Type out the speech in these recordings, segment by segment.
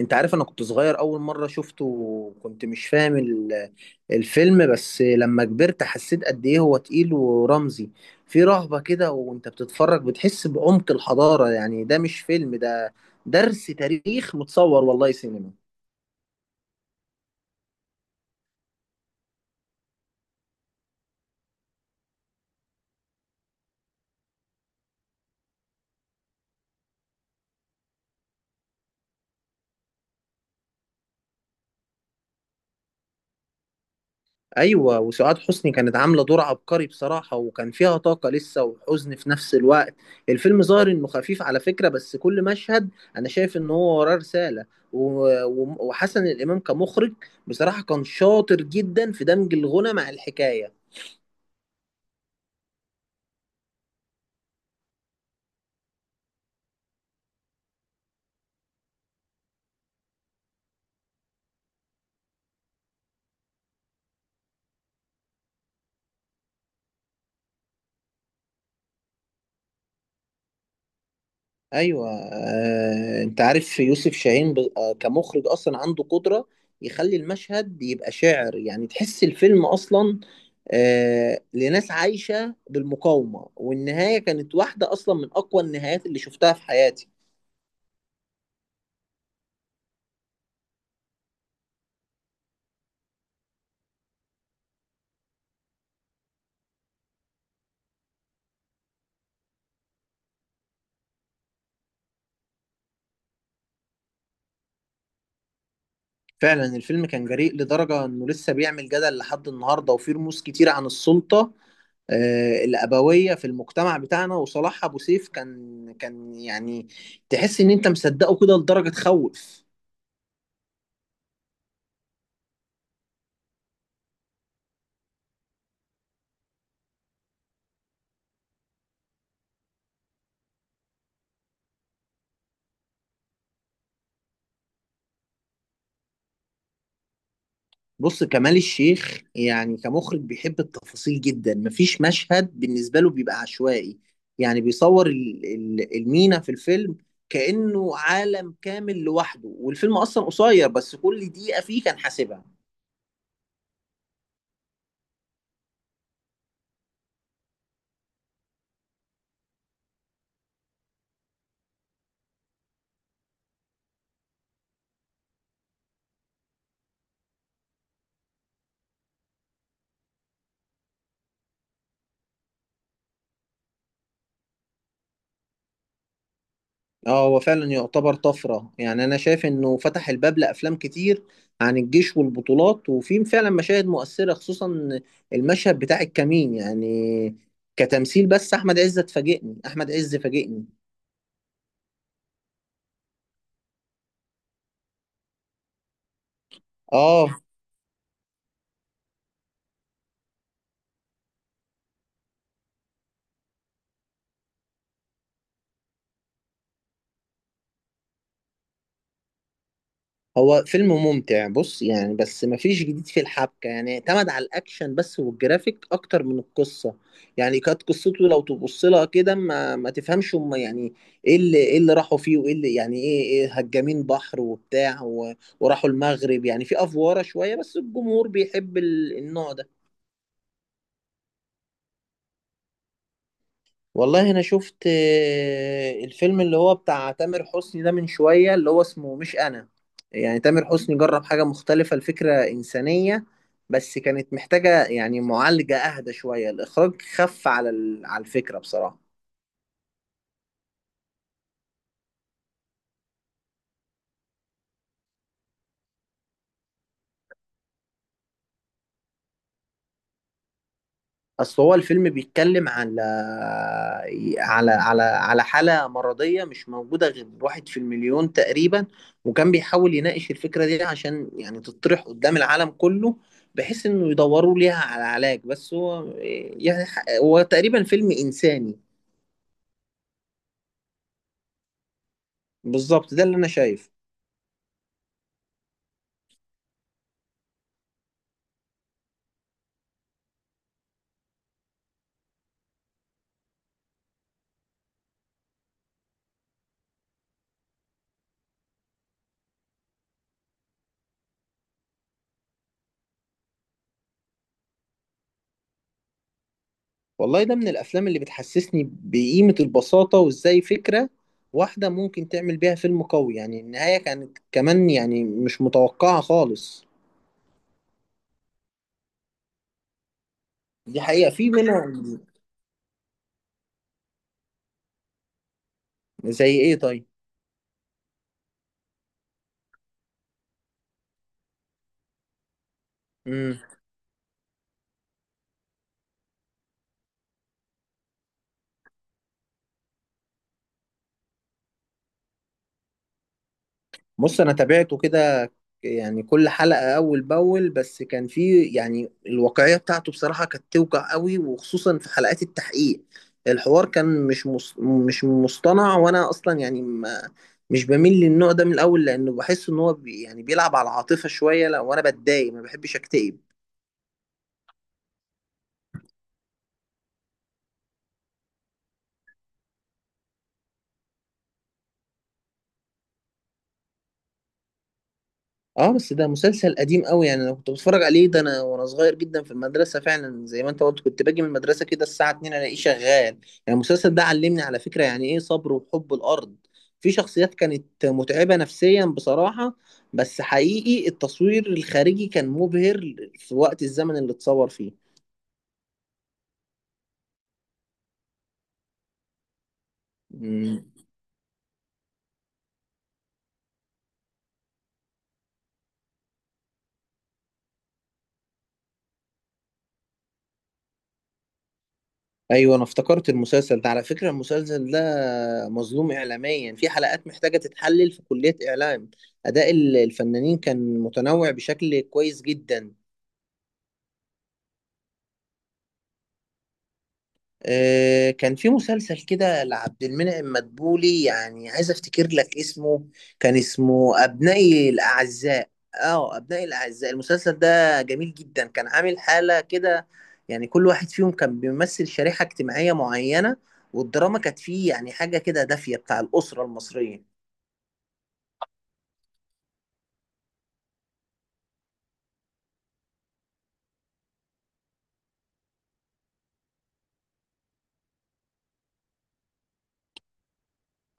انت عارف انا كنت صغير اول مرة شفته وكنت مش فاهم الفيلم. بس لما كبرت حسيت قد ايه هو تقيل ورمزي، في رهبة كده وانت بتتفرج بتحس بعمق الحضارة. يعني ده مش فيلم، ده درس تاريخ متصور. والله سينما. ايوه، وسعاد حسني كانت عامله دور عبقري بصراحه، وكان فيها طاقه لسه وحزن في نفس الوقت. الفيلم ظاهر انه خفيف على فكره، بس كل مشهد انا شايف ان هو وراه رساله. و- و- وحسن الامام كمخرج بصراحه كان شاطر جدا في دمج الغنى مع الحكايه. ايوه، انت عارف يوسف شاهين كمخرج اصلا عنده قدره يخلي المشهد يبقى شعر. يعني تحس الفيلم اصلا لناس عايشه بالمقاومه، والنهايه كانت واحده اصلا من اقوى النهايات اللي شفتها في حياتي. فعلا الفيلم كان جريء لدرجه انه لسه بيعمل جدل لحد النهارده، وفيه رموز كتير عن السلطه الابويه في المجتمع بتاعنا. وصلاح ابو سيف كان يعني تحس ان انت مصدقه كده لدرجه تخوف. بص، كمال الشيخ يعني كمخرج بيحب التفاصيل جدا، مفيش مشهد بالنسبة له بيبقى عشوائي. يعني بيصور المينا في الفيلم كأنه عالم كامل لوحده، والفيلم أصلا قصير بس كل دقيقة فيه كان حاسبها. اه، هو فعلا يعتبر طفرة. يعني أنا شايف إنه فتح الباب لأفلام كتير عن الجيش والبطولات، وفي فعلا مشاهد مؤثرة خصوصا المشهد بتاع الكمين. يعني كتمثيل، بس أحمد عز أحمد عز فاجئني. اه، هو فيلم ممتع، بص يعني، بس مفيش جديد في الحبكة، يعني اعتمد على الأكشن بس والجرافيك أكتر من القصة. يعني كانت قصته لو تبص لها كده ما تفهمش، هم يعني إيه؟ اللي راحوا فيه، وإيه اللي يعني إيه هجامين بحر وبتاع وراحوا المغرب، يعني في أفوارة شوية، بس الجمهور بيحب النوع ده. والله انا شفت الفيلم اللي هو بتاع تامر حسني ده من شوية، اللي هو اسمه مش انا. يعني تامر حسني جرب حاجة مختلفة، الفكرة انسانية بس كانت محتاجة يعني معالجة اهدى شوية، الاخراج خف على على الفكرة بصراحة. اصل هو الفيلم بيتكلم على حالة مرضية مش موجودة غير واحد في المليون تقريبا، وكان بيحاول يناقش الفكرة دي عشان يعني تطرح قدام العالم كله، بحيث انه يدوروا ليها على علاج. بس هو يعني هو تقريبا فيلم انساني. بالظبط، ده اللي انا شايفه. والله ده من الافلام اللي بتحسسني بقيمة البساطة، وازاي فكرة واحدة ممكن تعمل بيها فيلم قوي. يعني النهاية كانت كمان يعني مش متوقعة خالص. دي حقيقة، في منها. زي ايه طيب؟ امم، بص انا تابعته كده يعني كل حلقة اول باول، بس كان في يعني الواقعية بتاعته بصراحة كانت توجع قوي، وخصوصا في حلقات التحقيق. الحوار كان مش مص... مش مصطنع. وانا اصلا يعني ما، مش بميل للنوع ده من الاول، لانه بحس ان هو بي... يعني بيلعب على العاطفة شوية، لو انا بتضايق ما بحبش اكتئب. اه، بس ده مسلسل قديم قوي. يعني انا كنت بتفرج عليه ده انا وانا صغير جدا في المدرسه. فعلا زي ما انت قلت، كنت باجي من المدرسه كده الساعه 2 الاقيه شغال يعني. المسلسل ده علمني على فكره يعني ايه صبر وحب الارض. في شخصيات كانت متعبه نفسيا بصراحه، بس حقيقي التصوير الخارجي كان مبهر في وقت الزمن اللي اتصور فيه. مم. ايوه، انا افتكرت المسلسل ده. على فكره المسلسل ده مظلوم اعلاميا، في حلقات محتاجه تتحلل في كليه اعلام. اداء الفنانين كان متنوع بشكل كويس جدا. كان في مسلسل كده لعبد المنعم مدبولي، يعني عايز افتكر لك اسمه. كان اسمه ابنائي الاعزاء. اه، ابنائي الاعزاء. المسلسل ده جميل جدا، كان عامل حالة كده. يعني كل واحد فيهم كان بيمثل شريحة اجتماعية معينة، والدراما كانت فيه يعني حاجة كده دافية بتاع الأسرة المصرية.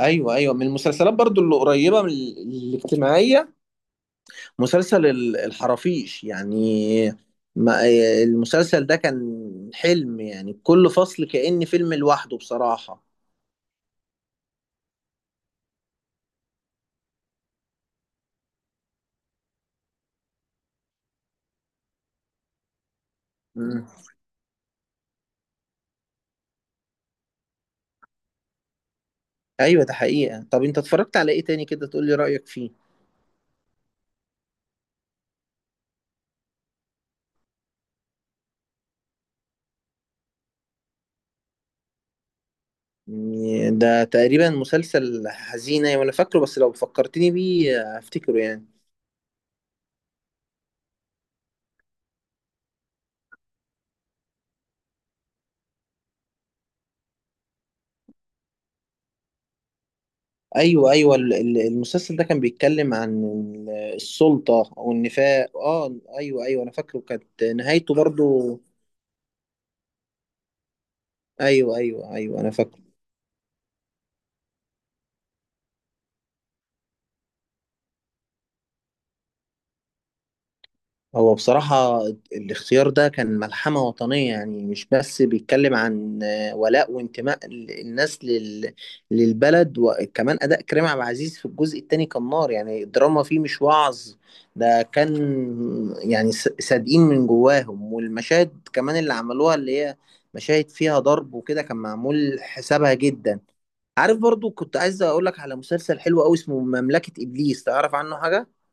ايوه ايوه، من المسلسلات برضو اللي قريبه من الاجتماعيه مسلسل الحرافيش. يعني ما المسلسل ده كان حلم، يعني كل فصل كأن فيلم لوحده بصراحة. مم. ايوه، ده حقيقة. طب انت اتفرجت على ايه تاني كده تقولي رأيك فيه؟ يعني ده تقريبا مسلسل حزينة وانا فاكره، بس لو فكرتني بيه هفتكره يعني. ايوه ايوه، المسلسل ده كان بيتكلم عن السلطة او النفاق. اه ايوه ايوه، انا فاكره. كانت نهايته برضو ايوه ايوه ايوه، انا فاكره. هو بصراحة الاختيار ده كان ملحمة وطنية، يعني مش بس بيتكلم عن ولاء وانتماء الناس لل... للبلد. وكمان أداء كريم عبد العزيز في الجزء التاني كان نار. يعني الدراما فيه مش وعظ، ده كان يعني صادقين من جواهم. والمشاهد كمان اللي عملوها، اللي هي مشاهد فيها ضرب وكده، كان معمول حسابها جدا. عارف، برضو كنت عايز أقولك على مسلسل حلو أوي اسمه مملكة إبليس، تعرف عنه حاجة؟